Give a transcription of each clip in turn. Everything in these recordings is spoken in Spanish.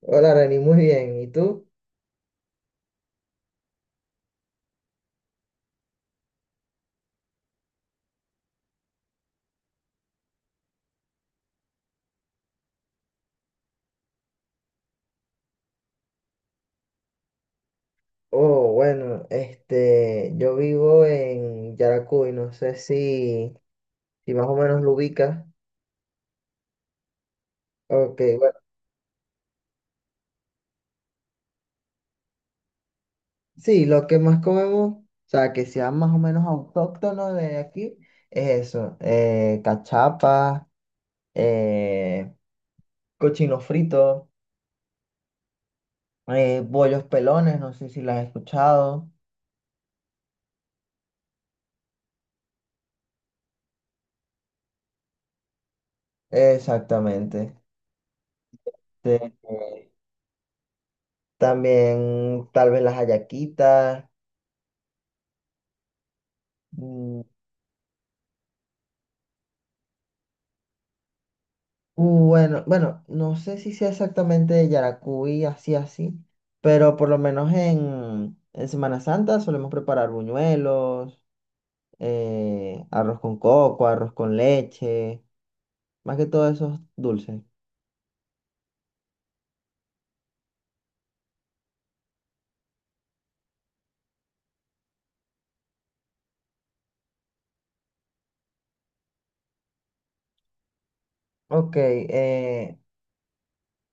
Hola, Reni, muy bien. ¿Y tú? Oh, bueno, yo vivo en Yaracuy, no sé si más o menos lo ubicas. Ok, bueno, sí, lo que más comemos, o sea, que sea más o menos autóctono de aquí, es eso, cachapas, eh, cochino frito, bollos pelones, no sé si las has escuchado. Exactamente. Este, también tal vez las hallaquitas. Mm. Bueno, bueno, no sé si sea exactamente de Yaracuy, así, así, pero por lo menos en Semana Santa solemos preparar buñuelos, arroz con coco, arroz con leche, más que todo esos dulces. Ok,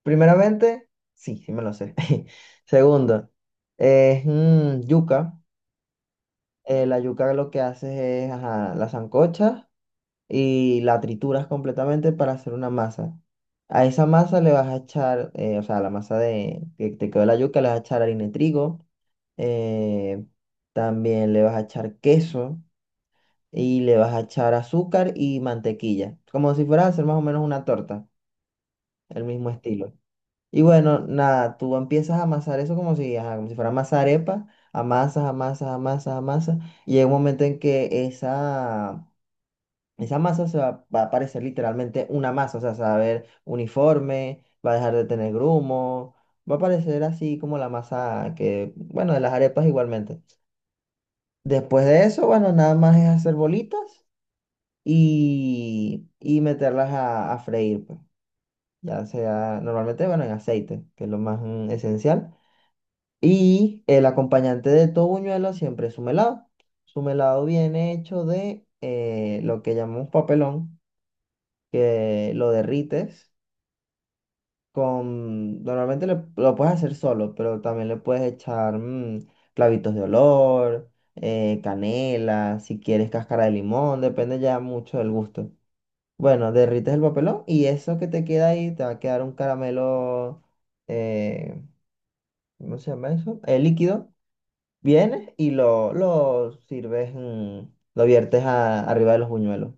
primeramente, sí, sí me lo sé. Segundo, es yuca. La yuca lo que haces es, ajá, la sancocha y la trituras completamente para hacer una masa. A esa masa le vas a echar, o sea, a la masa de, que te quedó la yuca, le vas a echar harina de trigo, eh, también le vas a echar queso y le vas a echar azúcar y mantequilla, como si fueras a hacer más o menos una torta, el mismo estilo. Y bueno, nada, tú empiezas a amasar eso como si, ajá, como si fuera masa arepa, amasas, amasas, amasas, amasas, y llega un momento en que esa masa se va, va a parecer literalmente una masa, o sea, se va a ver uniforme, va a dejar de tener grumo, va a parecer así como la masa que, bueno, de las arepas igualmente. Después de eso, bueno, nada más es hacer bolitas y meterlas a freír, pues. Ya sea, normalmente, bueno, en aceite, que es lo más esencial. Y el acompañante de todo buñuelo siempre es su melado. Su melado viene hecho de lo que llamamos papelón, que lo derrites con... Normalmente lo puedes hacer solo, pero también le puedes echar clavitos de olor, canela, si quieres cáscara de limón, depende ya mucho del gusto. Bueno, derrites el papelón y eso que te queda ahí te va a quedar un caramelo. eh, ¿Cómo se llama eso? El líquido. Vienes y lo sirves, mm, lo viertes arriba de los buñuelos.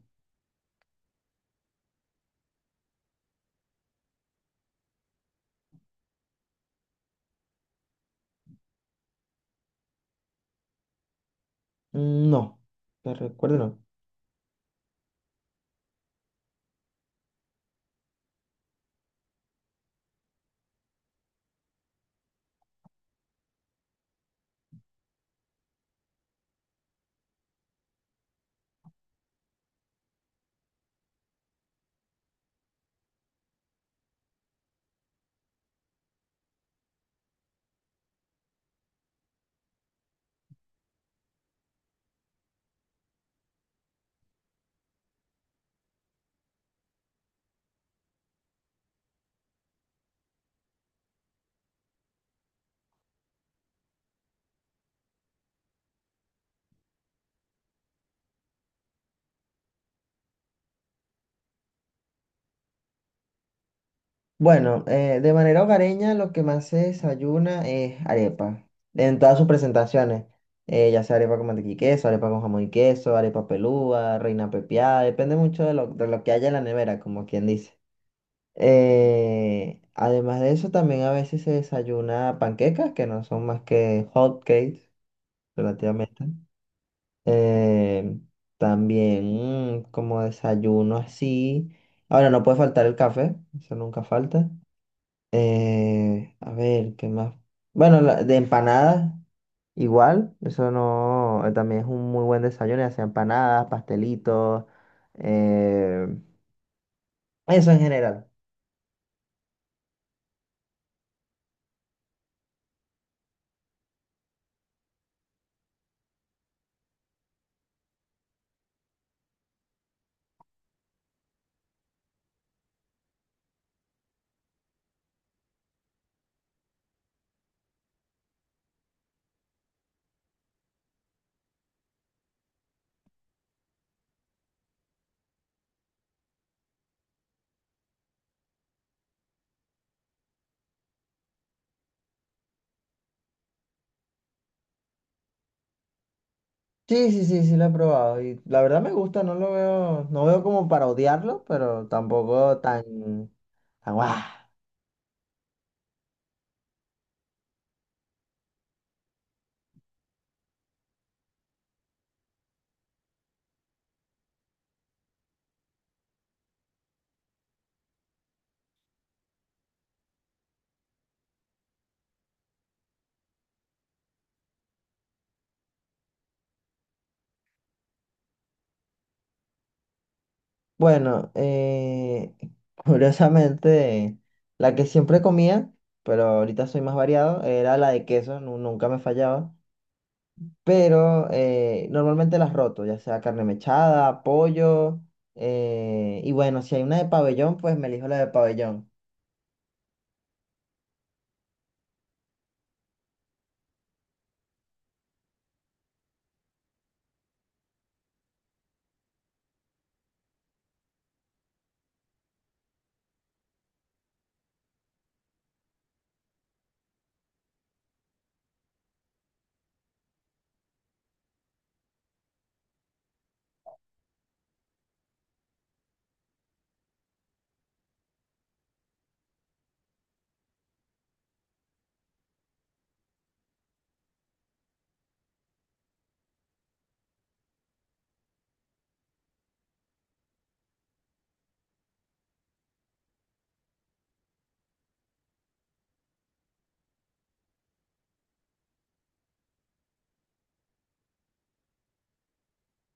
Mm, no, te recuerdo, no. Bueno, de manera hogareña lo que más se desayuna es arepa, en todas sus presentaciones, ya sea arepa con mantequilla y queso, arepa con jamón y queso, arepa pelúa, reina pepiada, depende mucho de lo que haya en la nevera, como quien dice. Además de eso, también a veces se desayuna panquecas, que no son más que hot cakes, relativamente. Eh, también mm, como desayuno así. Ahora, no puede faltar el café, eso nunca falta. A ver, ¿qué más? Bueno, de empanadas, igual, eso no, también es un muy buen desayuno, ya sea empanadas, pastelitos, eh, eso en general. Sí, sí, sí, sí lo he probado y la verdad me gusta, no lo veo, no veo como para odiarlo, pero tampoco tan, tan guau. Bueno, curiosamente, la que siempre comía, pero ahorita soy más variado, era la de queso, nunca me fallaba. Pero normalmente las roto, ya sea carne mechada, pollo, y bueno, si hay una de pabellón, pues me elijo la de pabellón.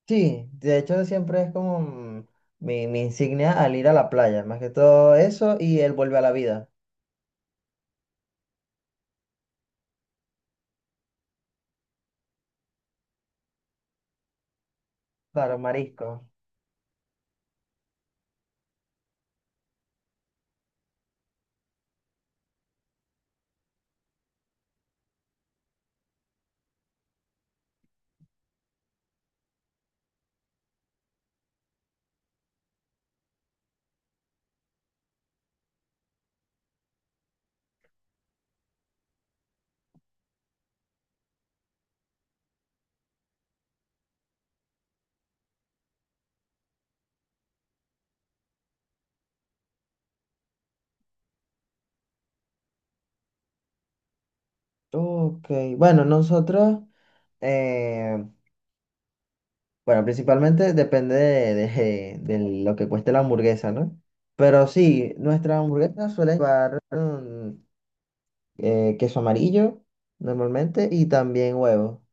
Sí, de hecho siempre es como mm, mi insignia al ir a la playa, más que todo eso y él vuelve a la vida. Claro, marisco. Ok, bueno, nosotros, eh, bueno, principalmente depende de, de lo que cueste la hamburguesa, ¿no? Pero sí, nuestras hamburguesas suelen llevar mm, queso amarillo normalmente y también huevo.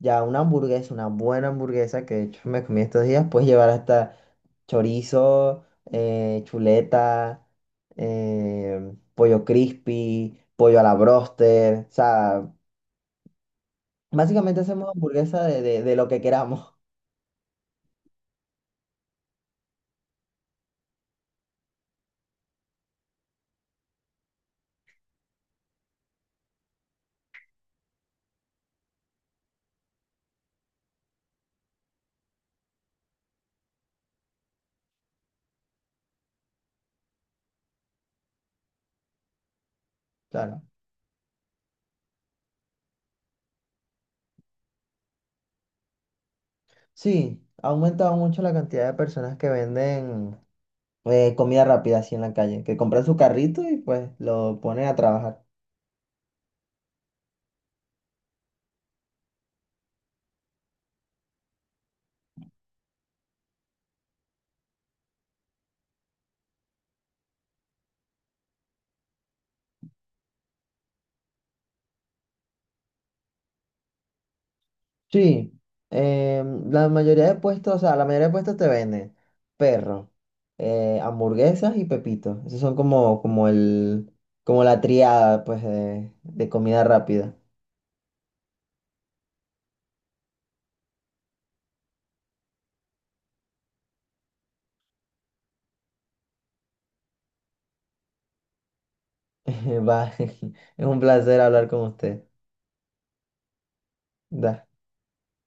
Ya una hamburguesa, una buena hamburguesa que de hecho me comí estos días, puedes llevar hasta chorizo, chuleta, pollo crispy, pollo a la broster. O sea, básicamente hacemos hamburguesa de, de lo que queramos. Claro. Sí, ha aumentado mucho la cantidad de personas que venden comida rápida así en la calle, que compran su carrito y pues lo ponen a trabajar. Sí, la mayoría de puestos, o sea, la mayoría de puestos te venden perro, hamburguesas y pepitos. Esos son como, como el, como la triada, pues, de comida rápida. Va, es un placer hablar con usted. Da.